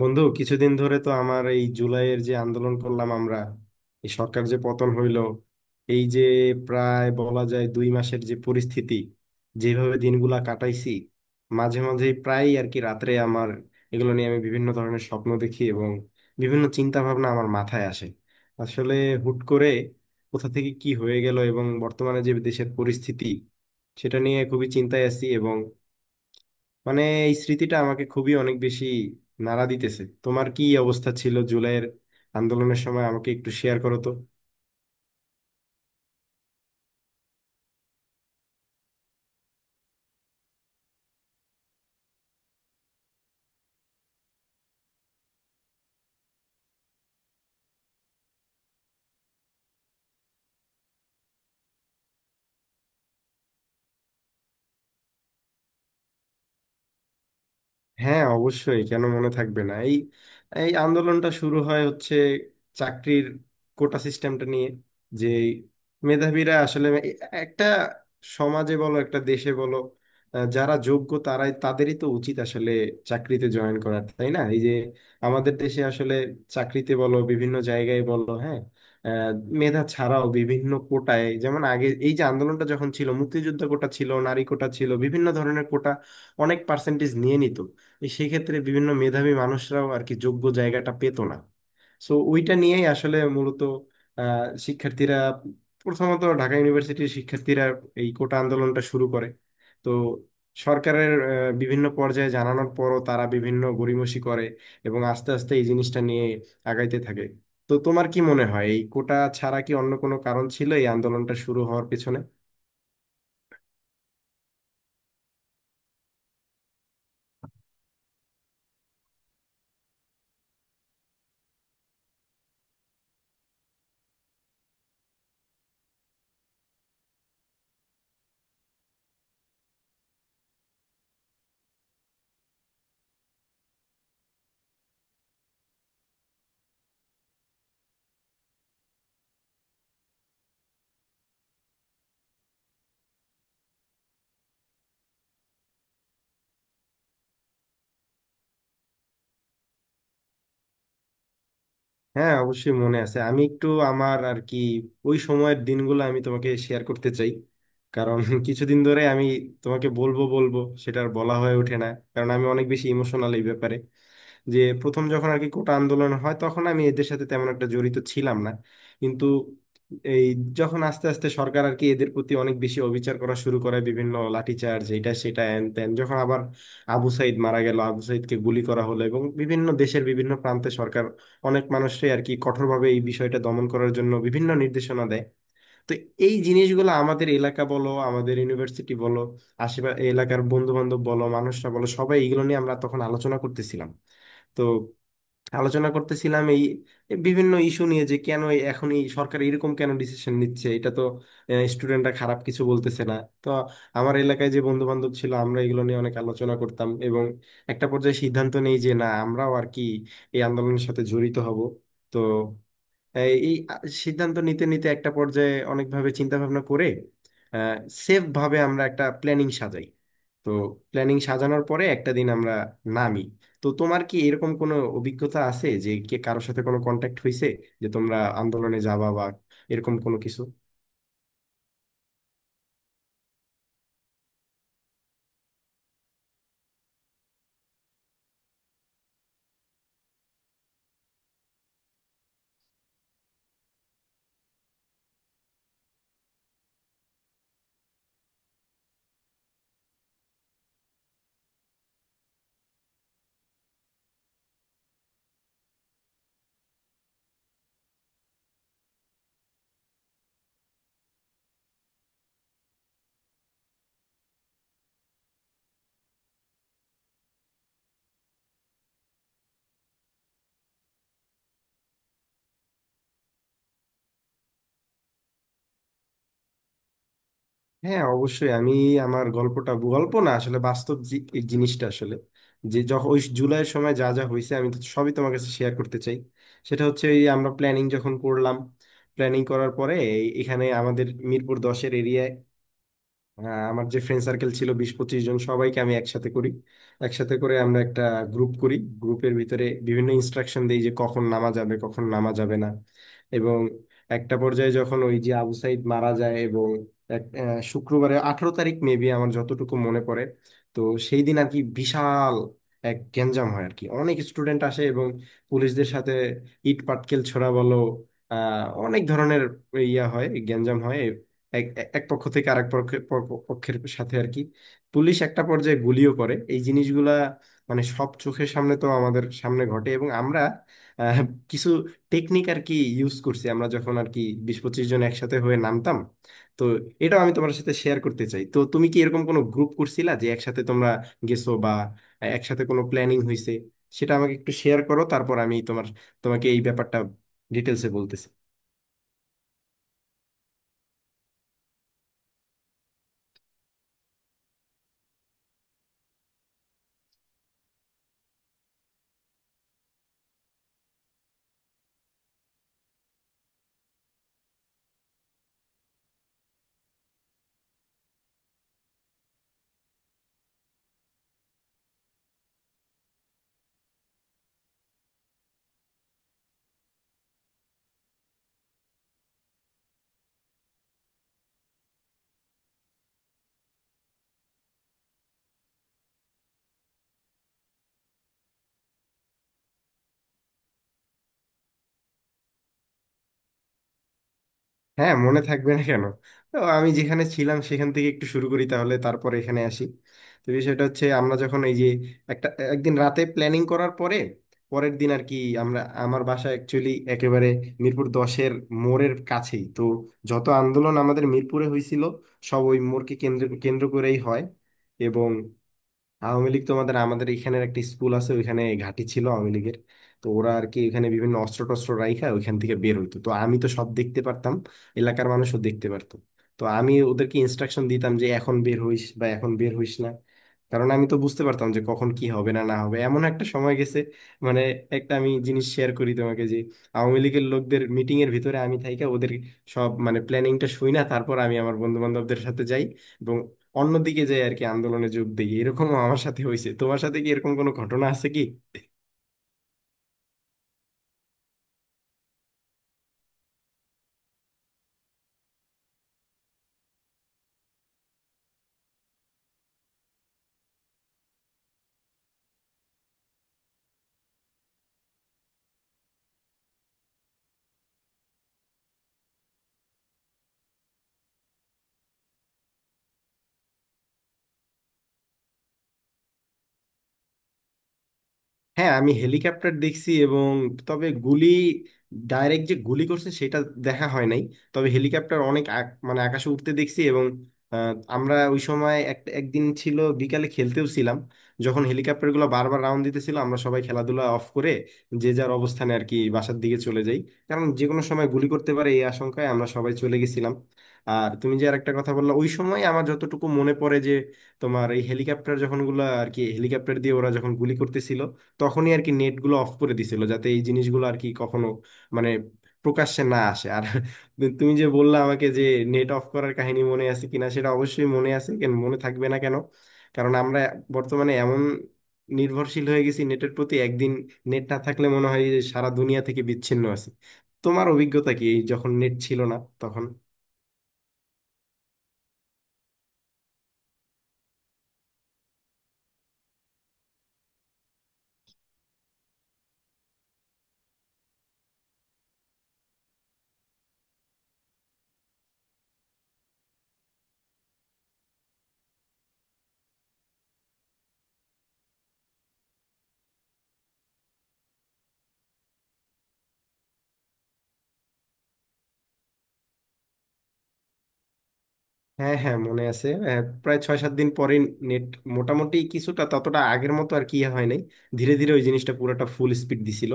বন্ধু কিছুদিন ধরে তো আমার এই জুলাইয়ের যে আন্দোলন করলাম আমরা, এই সরকার যে পতন হইল, এই যে প্রায় বলা যায় 2 মাসের যে পরিস্থিতি, যেভাবে দিনগুলা কাটাইছি, মাঝে মাঝে প্রায় আর কি রাত্রে আমার এগুলো নিয়ে আমি বিভিন্ন ধরনের স্বপ্ন দেখি এবং বিভিন্ন চিন্তা ভাবনা আমার মাথায় আসে। আসলে হুট করে কোথা থেকে কি হয়ে গেল এবং বর্তমানে যে দেশের পরিস্থিতি, সেটা নিয়ে খুবই চিন্তায় আছি। মানে এই স্মৃতিটা আমাকে খুবই অনেক বেশি নাড়া দিতেছে। তোমার কি অবস্থা ছিল জুলাইয়ের আন্দোলনের সময়, আমাকে একটু শেয়ার করো তো। হ্যাঁ অবশ্যই, কেন মনে থাকবে না। এই এই আন্দোলনটা শুরু হচ্ছে চাকরির কোটা সিস্টেমটা নিয়ে। যে এই মেধাবীরা আসলে একটা সমাজে বলো একটা দেশে বলো, যারা যোগ্য তারাই, তাদেরই তো উচিত আসলে চাকরিতে জয়েন করা, তাই না? এই যে আমাদের দেশে আসলে চাকরিতে বলো বিভিন্ন জায়গায় বলো, হ্যাঁ, আহ, মেধা ছাড়াও বিভিন্ন কোটায়, যেমন আগে এই যে আন্দোলনটা যখন ছিল, মুক্তিযুদ্ধ কোটা ছিল, নারী কোটা ছিল, বিভিন্ন ধরনের কোটা অনেক পার্সেন্টেজ নিয়ে নিত। এই সেই ক্ষেত্রে বিভিন্ন মেধাবী মানুষরাও আর কি যোগ্য জায়গাটা পেতো না। সো ওইটা নিয়েই আসলে মূলত শিক্ষার্থীরা, প্রথমত ঢাকা ইউনিভার্সিটির শিক্ষার্থীরা এই কোটা আন্দোলনটা শুরু করে। তো সরকারের বিভিন্ন পর্যায়ে জানানোর পরও তারা বিভিন্ন গড়িমসি করে এবং আস্তে আস্তে এই জিনিসটা নিয়ে আগাইতে থাকে। তো তোমার কি মনে হয় এই কোটা ছাড়া কি অন্য কোনো কারণ ছিল এই আন্দোলনটা শুরু হওয়ার পেছনে? হ্যাঁ অবশ্যই মনে আছে। আমি একটু আমার আর কি ওই সময়ের দিনগুলো আমি তোমাকে শেয়ার করতে চাই। কারণ কিছুদিন ধরে আমি তোমাকে বলবো বলবো, সেটা আর বলা হয়ে ওঠে না। কারণ আমি অনেক বেশি ইমোশনাল এই ব্যাপারে। যে প্রথম যখন আর কি কোটা আন্দোলন হয়, তখন আমি এদের সাথে তেমন একটা জড়িত ছিলাম না। কিন্তু এই যখন আস্তে আস্তে সরকার আর কি এদের প্রতি অনেক বেশি অবিচার করা শুরু করে, বিভিন্ন লাঠিচার্জ এটা সেটা হ্যান ত্যান, যখন আবার আবু সাইদ মারা গেল, আবু সাইদকে গুলি করা হলো এবং বিভিন্ন দেশের বিভিন্ন প্রান্তে সরকার অনেক মানুষই আর কি কঠোরভাবে এই বিষয়টা দমন করার জন্য বিভিন্ন নির্দেশনা দেয়। তো এই জিনিসগুলো আমাদের এলাকা বলো, আমাদের ইউনিভার্সিটি বলো, আশেপাশে এলাকার বন্ধু বান্ধব বলো, মানুষরা বলো, সবাই এগুলো নিয়ে আমরা তখন আলোচনা করতেছিলাম। তো আলোচনা করতেছিলাম এই বিভিন্ন ইস্যু নিয়ে, যে কেন এখন এই সরকার এরকম কেন ডিসিশন নিচ্ছে, এটা তো স্টুডেন্টরা খারাপ কিছু বলতেছে না। তো আমার এলাকায় যে বন্ধু বান্ধব ছিল, আমরা এগুলো নিয়ে অনেক আলোচনা করতাম এবং একটা পর্যায়ে সিদ্ধান্ত নেই যে না, আমরাও আর কি এই আন্দোলনের সাথে জড়িত হব। তো এই এই সিদ্ধান্ত নিতে নিতে একটা পর্যায়ে অনেকভাবে চিন্তা ভাবনা করে সেফ ভাবে আমরা একটা প্ল্যানিং সাজাই। তো প্ল্যানিং সাজানোর পরে একটা দিন আমরা নামি। তো তোমার কি এরকম কোনো অভিজ্ঞতা আছে যে কে কারোর সাথে কোনো কন্ট্যাক্ট হয়েছে, যে তোমরা আন্দোলনে যাবা বা এরকম কোনো কিছু? হ্যাঁ অবশ্যই। আমি আমার গল্পটা, গল্প না আসলে বাস্তব এই জিনিসটা আসলে, যে যখন ওই জুলাইয়ের সময় যা যা হয়েছে আমি তো সবই তোমার কাছে শেয়ার করতে চাই। সেটা হচ্ছে এই আমরা প্ল্যানিং যখন করলাম, প্ল্যানিং করার পরে এখানে আমাদের মিরপুর 10-এর এরিয়ায়, হ্যাঁ, আমার যে ফ্রেন্ড সার্কেল ছিল, 20-25 জন সবাইকে আমি একসাথে করি। একসাথে করে আমরা একটা গ্রুপ করি। গ্রুপের ভিতরে বিভিন্ন ইনস্ট্রাকশন দিই যে কখন নামা যাবে, কখন নামা যাবে না। এবং একটা পর্যায়ে যখন ওই যে আবু সাইদ মারা যায়, এবং এক শুক্রবারে, 18 তারিখ মেবি, আমার যতটুকু মনে পড়ে, তো সেই দিন আর কি বিশাল এক গ্যাঞ্জাম হয়। আর কি অনেক স্টুডেন্ট আসে এবং পুলিশদের সাথে ইট পাটকেল ছোড়া বলো, আহ অনেক ধরনের ইয়া হয়, গ্যাঞ্জাম হয়। এক এক এক পক্ষ থেকে আরেক পক্ষের সাথে আর কি পুলিশ একটা পর্যায়ে গুলিও করে। এই জিনিসগুলা মানে সব চোখের সামনে, তো আমাদের সামনে ঘটে এবং আমরা আহ, কিছু টেকনিক আর কি ইউজ করছি। আমরা যখন আর কি 20-25 জন একসাথে হয়ে নামতাম, তো এটাও আমি তোমার সাথে শেয়ার করতে চাই। তো তুমি কি এরকম কোনো গ্রুপ করছিলা যে একসাথে তোমরা গেছো বা একসাথে কোনো প্ল্যানিং হয়েছে? সেটা আমাকে একটু শেয়ার করো, তারপর আমি তোমাকে এই ব্যাপারটা ডিটেলসে বলতেছি। হ্যাঁ মনে থাকবে না কেন। তো আমি যেখানে ছিলাম সেখান থেকে একটু শুরু করি, তাহলে তারপর এখানে আসি। তো বিষয়টা হচ্ছে, আমরা যখন এই যে একটা একদিন রাতে প্ল্যানিং করার পরে পরের দিন আর কি আমরা, আমার বাসা অ্যাকচুয়ালি একেবারে মিরপুর 10-এর মোড়ের কাছেই। তো যত আন্দোলন আমাদের মিরপুরে হয়েছিল সব ওই মোড়কে কেন্দ্র কেন্দ্র করেই হয়। এবং আওয়ামী লীগ, তোমাদের আমাদের এখানে একটা স্কুল আছে, ওইখানে ঘাঁটি ছিল আওয়ামী লীগের। তো ওরা আর কি ওইখানে বিভিন্ন অস্ত্র টস্ত্র রাইখা ওইখান থেকে বের হইতো। তো আমি তো সব দেখতে পারতাম, এলাকার মানুষও দেখতে পারতো। তো আমি ওদেরকে ইনস্ট্রাকশন দিতাম যে এখন বের হইস বা এখন বের হইস না। কারণ আমি তো বুঝতে পারতাম যে কখন কি হবে না না হবে। এমন একটা সময় গেছে মানে, একটা আমি জিনিস শেয়ার করি তোমাকে, যে আওয়ামী লীগের লোকদের মিটিং এর ভিতরে আমি থাইকা ওদের সব মানে প্ল্যানিংটা শুই না, তারপর আমি আমার বন্ধু বান্ধবদের সাথে যাই এবং অন্যদিকে যাই আর কি আন্দোলনে যোগ দিই। এরকমও আমার সাথে হয়েছে। তোমার সাথে কি এরকম কোনো ঘটনা আছে কি? হ্যাঁ আমি হেলিকপ্টার দেখছি এবং তবে গুলি, ডাইরেক্ট যে গুলি করছে সেটা দেখা হয় নাই। তবে হেলিকপ্টার অনেক মানে আকাশে উঠতে দেখছি। এবং আমরা ওই সময় একটা একদিন ছিল বিকালে খেলতেও ছিলাম, যখন হেলিকপ্টারগুলো বারবার রাউন্ড দিতেছিল, আমরা সবাই খেলাধুলা অফ করে যে যার অবস্থানে আর কি বাসার দিকে চলে যাই। কারণ যে কোনো সময় গুলি করতে পারে এই আশঙ্কায় আমরা সবাই চলে গেছিলাম। আর তুমি যে আর একটা কথা বললা, ওই সময় আমার যতটুকু মনে পড়ে, যে তোমার এই হেলিকপ্টার যখন গুলা আর কি হেলিকপ্টার দিয়ে ওরা যখন গুলি করতেছিল, তখনই আর কি নেটগুলো অফ করে দিছিল, যাতে এই জিনিসগুলো আর কি কখনো মানে প্রকাশ্যে না আসে। আর তুমি যে বললা আমাকে যে নেট অফ করার কাহিনী মনে আছে কিনা, সেটা অবশ্যই মনে আছে, কেন মনে থাকবে না কেন। কারণ আমরা বর্তমানে এমন নির্ভরশীল হয়ে গেছি নেটের প্রতি, একদিন নেট না থাকলে মনে হয় যে সারা দুনিয়া থেকে বিচ্ছিন্ন আছি। তোমার অভিজ্ঞতা কি এই, যখন নেট ছিল না তখন? হ্যাঁ হ্যাঁ মনে আছে। প্রায় 6-7 দিন পরে নেট মোটামুটি কিছুটা, ততটা আগের মতো আর কি ইয়ে হয় নাই। ধীরে ধীরে ওই জিনিসটা পুরোটা ফুল স্পিড দিছিল।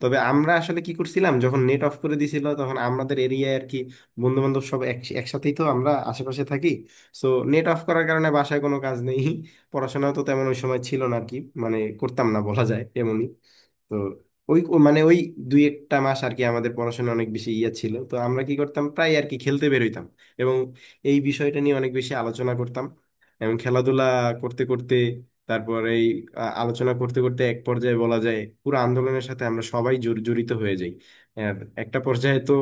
তবে আমরা আসলে কি করছিলাম, যখন নেট অফ করে দিছিল, তখন আমাদের এরিয়ায় আর কি বন্ধু বান্ধব সব একসাথেই তো আমরা আশেপাশে থাকি। সো নেট অফ করার কারণে বাসায় কোনো কাজ নেই। পড়াশোনাও তো তেমন ওই সময় ছিল না আর কি মানে করতাম না বলা যায় এমনই। তো ওই ও মানে ওই দুই একটা মাস আর কি আমাদের পড়াশোনা অনেক বেশি ইয়া ছিল, তো আমরা কি করতাম, প্রায় আর কি খেলতে বেরোইতাম এবং এই বিষয়টা নিয়ে অনেক বেশি আলোচনা করতাম। এবং খেলাধুলা করতে করতে, তারপর এই আলোচনা করতে করতে এক পর্যায়ে বলা যায় পুরো আন্দোলনের সাথে আমরা সবাই জড়িত হয়ে যাই। আর একটা পর্যায়ে তো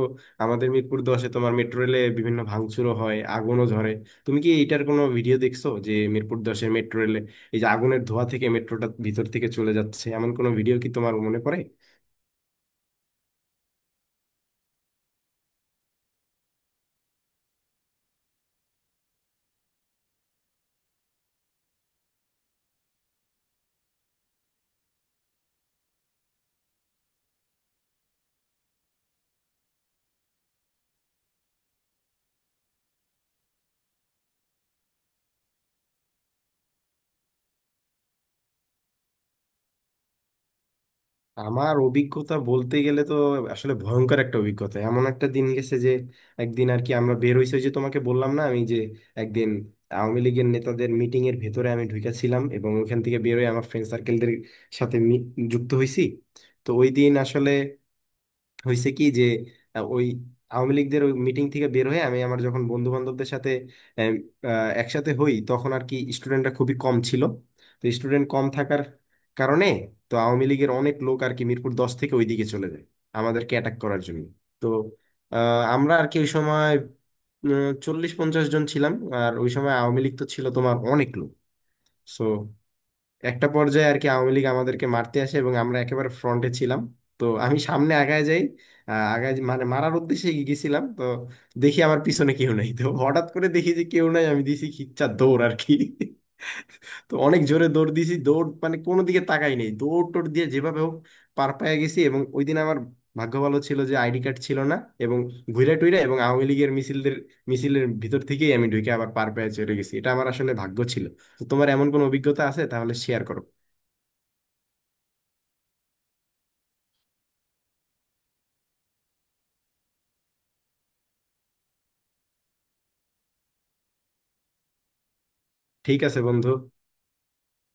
আমাদের মিরপুর দশে তোমার মেট্রো রেলে বিভিন্ন ভাঙচুরও হয়, আগুনও ধরে। তুমি কি এইটার কোনো ভিডিও দেখছো, যে মিরপুর 10-এ মেট্রো, এই যে আগুনের ধোঁয়া থেকে মেট্রোটা ভিতর থেকে চলে যাচ্ছে, এমন কোনো ভিডিও কি তোমার মনে পড়ে? আমার অভিজ্ঞতা বলতে গেলে তো আসলে ভয়ঙ্কর একটা অভিজ্ঞতা। এমন একটা দিন গেছে যে একদিন আর কি আমরা বের হইছি, ওই যে তোমাকে বললাম না আমি যে একদিন আওয়ামী লীগের নেতাদের মিটিং এর ভেতরে আমি ঢুকেছিলাম এবং ওখান থেকে বের হয়ে আমার ফ্রেন্ড সার্কেলদের সাথে যুক্ত হইছি। তো ওই দিন আসলে হয়েছে কি যে ওই আওয়ামী লীগদের ওই মিটিং থেকে বের হয়ে আমি আমার যখন বন্ধু বান্ধবদের সাথে আহ, আহ, একসাথে হই, তখন আর কি স্টুডেন্টরা খুবই কম ছিল। তো স্টুডেন্ট কম থাকার কারণে তো আওয়ামী লীগের অনেক লোক আর কি মিরপুর 10 থেকে ওইদিকে চলে যায় আমাদেরকে অ্যাটাক করার জন্য। তো আমরা আর কি ওই সময় 40-50 জন ছিলাম। আর ওই সময় আওয়ামী লীগ তো ছিল তোমার অনেক লোক। সো একটা পর্যায়ে আর কি আওয়ামী লীগ আমাদেরকে মারতে আসে এবং আমরা একেবারে ফ্রন্টে ছিলাম। তো আমি সামনে আগায় যাই, আগায় মানে মারার উদ্দেশ্যে এগিয়ে গেছিলাম। তো দেখি আমার পিছনে কেউ নাই, তো হঠাৎ করে দেখি যে কেউ নাই, আমি দিছি খিচ্চা দৌড় আর কি তো অনেক জোরে দৌড় দিছি, দৌড় মানে কোনো দিকে তাকাই নেই, দৌড় টোড় দিয়ে যেভাবে হোক পার পায়ে গেছি। এবং ওই দিন আমার ভাগ্য ভালো ছিল যে আইডি কার্ড ছিল না। এবং ঘুরে টুইরা এবং আওয়ামী লীগের মিছিলের ভিতর থেকেই আমি ঢুকে আবার পার পেয়ে চলে গেছি, এটা আমার আসলে ভাগ্য ছিল। তো তোমার এমন কোনো অভিজ্ঞতা আছে? তাহলে শেয়ার করো। ঠিক আছে বন্ধু।